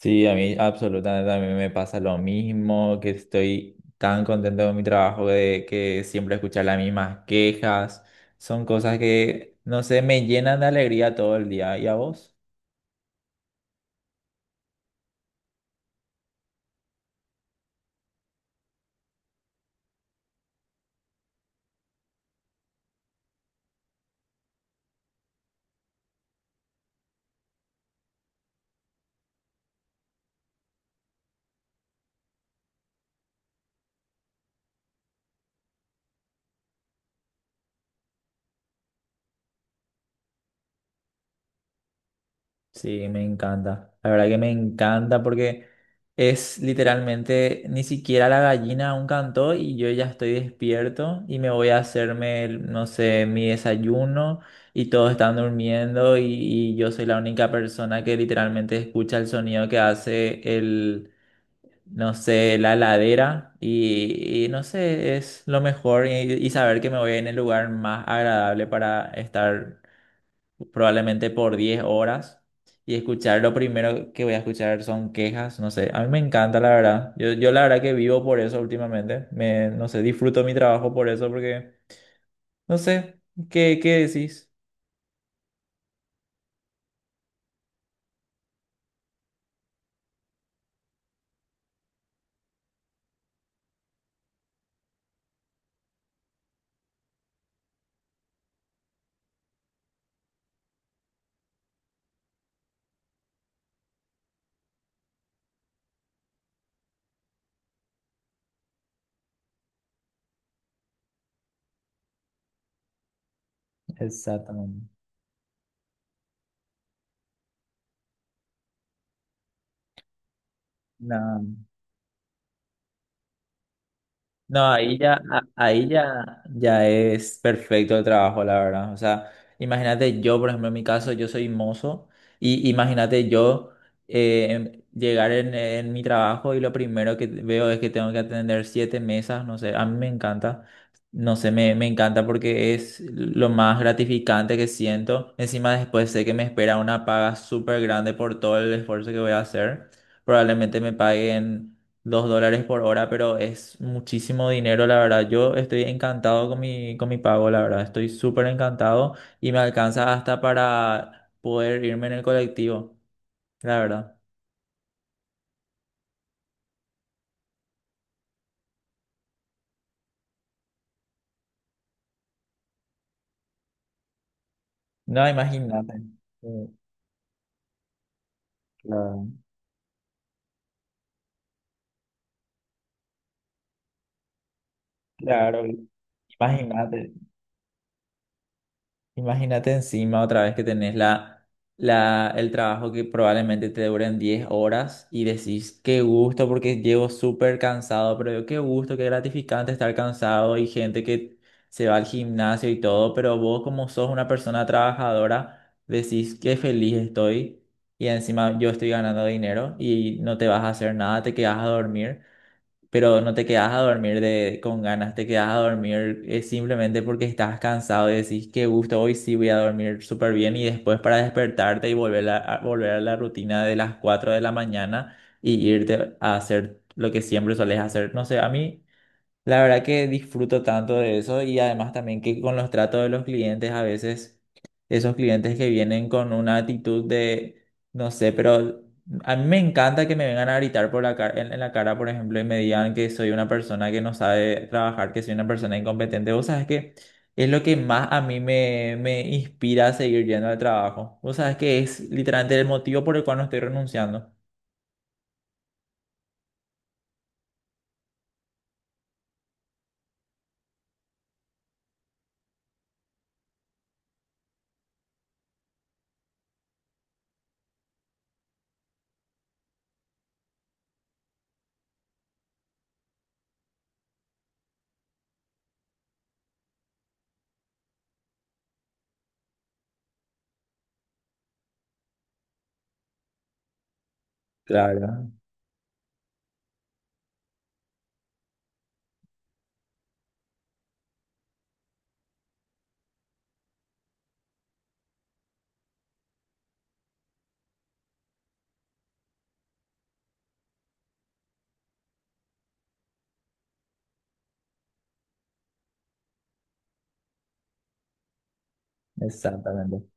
Sí, a mí absolutamente, a mí me pasa lo mismo, que estoy tan contento con mi trabajo de que siempre escuchar las mismas quejas. Son cosas que, no sé, me llenan de alegría todo el día. ¿Y a vos? Sí, me encanta. La verdad que me encanta porque es literalmente ni siquiera la gallina aún cantó y yo ya estoy despierto y me voy a hacerme, no sé, mi desayuno y todos están durmiendo y yo soy la única persona que literalmente escucha el sonido que hace el, no sé, la heladera y no sé, es lo mejor y saber que me voy en el lugar más agradable para estar probablemente por 10 horas y escuchar lo primero que voy a escuchar son quejas, no sé, a mí me encanta la verdad, yo la verdad que vivo por eso últimamente, me, no sé, disfruto mi trabajo por eso porque, no sé, ¿qué decís? Exactamente. No. No, ahí ya, ya es perfecto el trabajo, la verdad. O sea, imagínate yo, por ejemplo, en mi caso, yo soy mozo y imagínate yo llegar en mi trabajo y lo primero que veo es que tengo que atender siete mesas, no sé, a mí me encanta, no sé, me encanta porque es lo más gratificante que siento. Encima después sé que me espera una paga súper grande por todo el esfuerzo que voy a hacer. Probablemente me paguen $2 por hora, pero es muchísimo dinero, la verdad. Yo estoy encantado con mi pago, la verdad. Estoy súper encantado y me alcanza hasta para poder irme en el colectivo, la verdad. No, imagínate. Sí, claro, claro, imagínate. Imagínate encima otra vez que tenés el trabajo que probablemente te duren 10 horas y decís, qué gusto porque llevo súper cansado, pero qué gusto, qué gratificante estar cansado y gente que se va al gimnasio y todo, pero vos como sos una persona trabajadora, decís, qué feliz estoy y encima yo estoy ganando dinero y no te vas a hacer nada, te quedas a dormir pero no te quedas a dormir de, con ganas, te quedas a dormir simplemente porque estás cansado y decís, qué gusto, hoy sí voy a dormir súper bien y después para despertarte y volver a la rutina de las 4 de la mañana y irte a hacer lo que siempre solés hacer. No sé, a mí... La verdad que disfruto tanto de eso y además también que con los tratos de los clientes a veces esos clientes que vienen con una actitud de, no sé, pero a mí me encanta que me vengan a gritar por la cara, en la cara, por ejemplo, y me digan que soy una persona que no sabe trabajar, que soy una persona incompetente. Vos sabés que es lo que más a mí me inspira a seguir yendo al trabajo. Vos sabés que es literalmente el motivo por el cual no estoy renunciando. Claro, exactamente,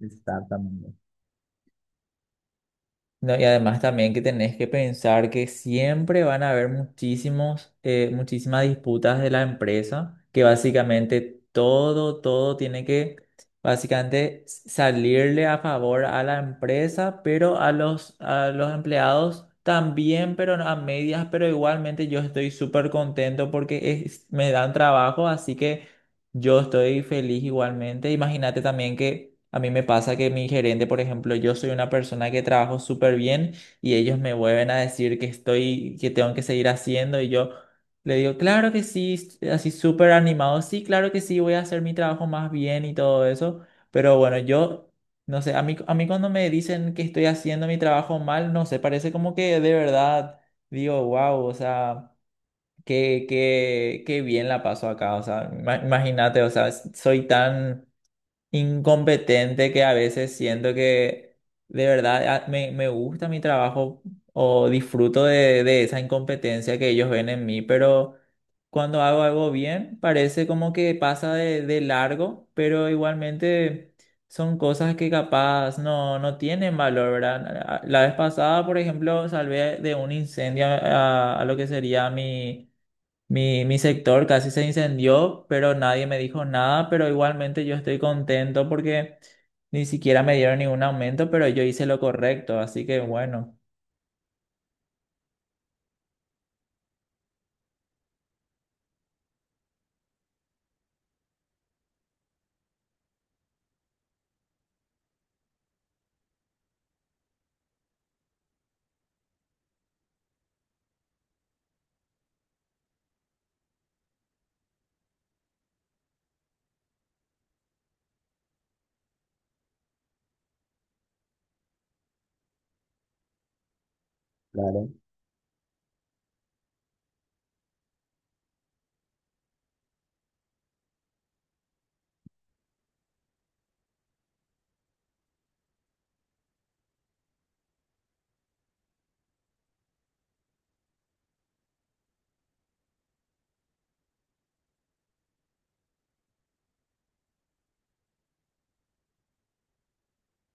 exactamente. No, y además también que tenés que pensar que siempre van a haber muchísimas disputas de la empresa, que básicamente todo tiene que básicamente salirle a favor a la empresa, pero a los empleados también, pero a medias, pero igualmente yo estoy súper contento porque me dan trabajo, así que... Yo estoy feliz igualmente. Imagínate también que a mí me pasa que mi gerente, por ejemplo, yo soy una persona que trabajo súper bien y ellos me vuelven a decir que estoy, que tengo que seguir haciendo y yo le digo, claro que sí, así súper animado, sí, claro que sí, voy a hacer mi trabajo más bien y todo eso. Pero bueno, yo, no sé, a mí cuando me dicen que estoy haciendo mi trabajo mal, no sé, parece como que de verdad digo, wow, o sea... Qué bien la paso acá, o sea, imagínate, o sea, soy tan incompetente que a veces siento que de verdad me gusta mi trabajo o disfruto de esa incompetencia que ellos ven en mí, pero cuando hago algo bien parece como que pasa de largo, pero igualmente son cosas que capaz no tienen valor, ¿verdad? La vez pasada, por ejemplo, salvé de un incendio a lo que sería mi mi sector casi se incendió, pero nadie me dijo nada, pero igualmente yo estoy contento porque ni siquiera me dieron ningún aumento, pero yo hice lo correcto, así que bueno.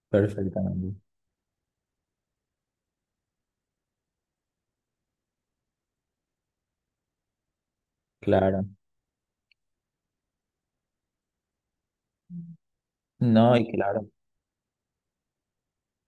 Perfectamente. Claro. No, y claro.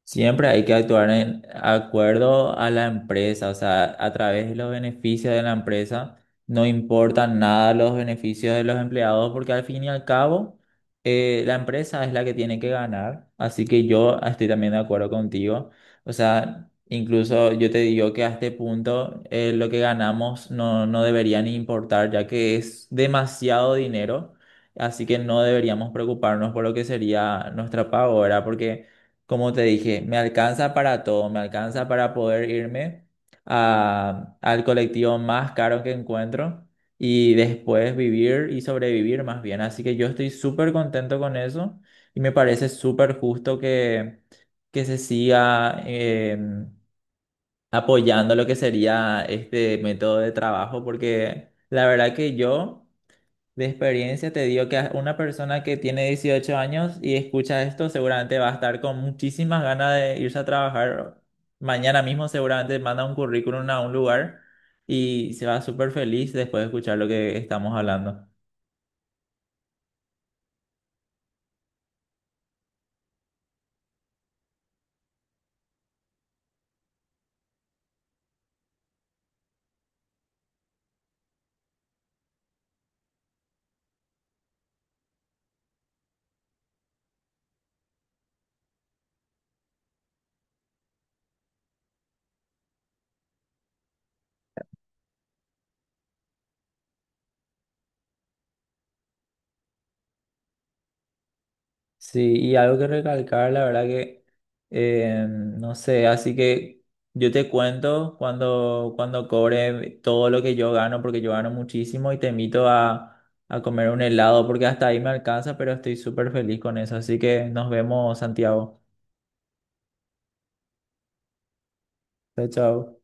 Siempre hay que actuar en acuerdo a la empresa, o sea, a través de los beneficios de la empresa. No importan nada los beneficios de los empleados porque al fin y al cabo la empresa es la que tiene que ganar. Así que yo estoy también de acuerdo contigo. O sea, incluso yo te digo que a este punto lo que ganamos no debería ni importar ya que es demasiado dinero. Así que no deberíamos preocuparnos por lo que sería nuestra paga, ¿verdad? Porque... Como te dije, me alcanza para todo, me alcanza para poder irme al colectivo más caro que encuentro y después vivir y sobrevivir más bien. Así que yo estoy súper contento con eso y me parece súper justo que se siga apoyando lo que sería este método de trabajo porque la verdad que yo... De experiencia te digo que a una persona que tiene 18 años y escucha esto seguramente va a estar con muchísimas ganas de irse a trabajar. Mañana mismo seguramente manda un currículum a un lugar y se va súper feliz después de escuchar lo que estamos hablando. Sí, y algo que recalcar, la verdad que, no sé, así que yo te cuento cuando cobre todo lo que yo gano, porque yo gano muchísimo y te invito a comer un helado, porque hasta ahí me alcanza, pero estoy súper feliz con eso. Así que nos vemos, Santiago. Chao, chao.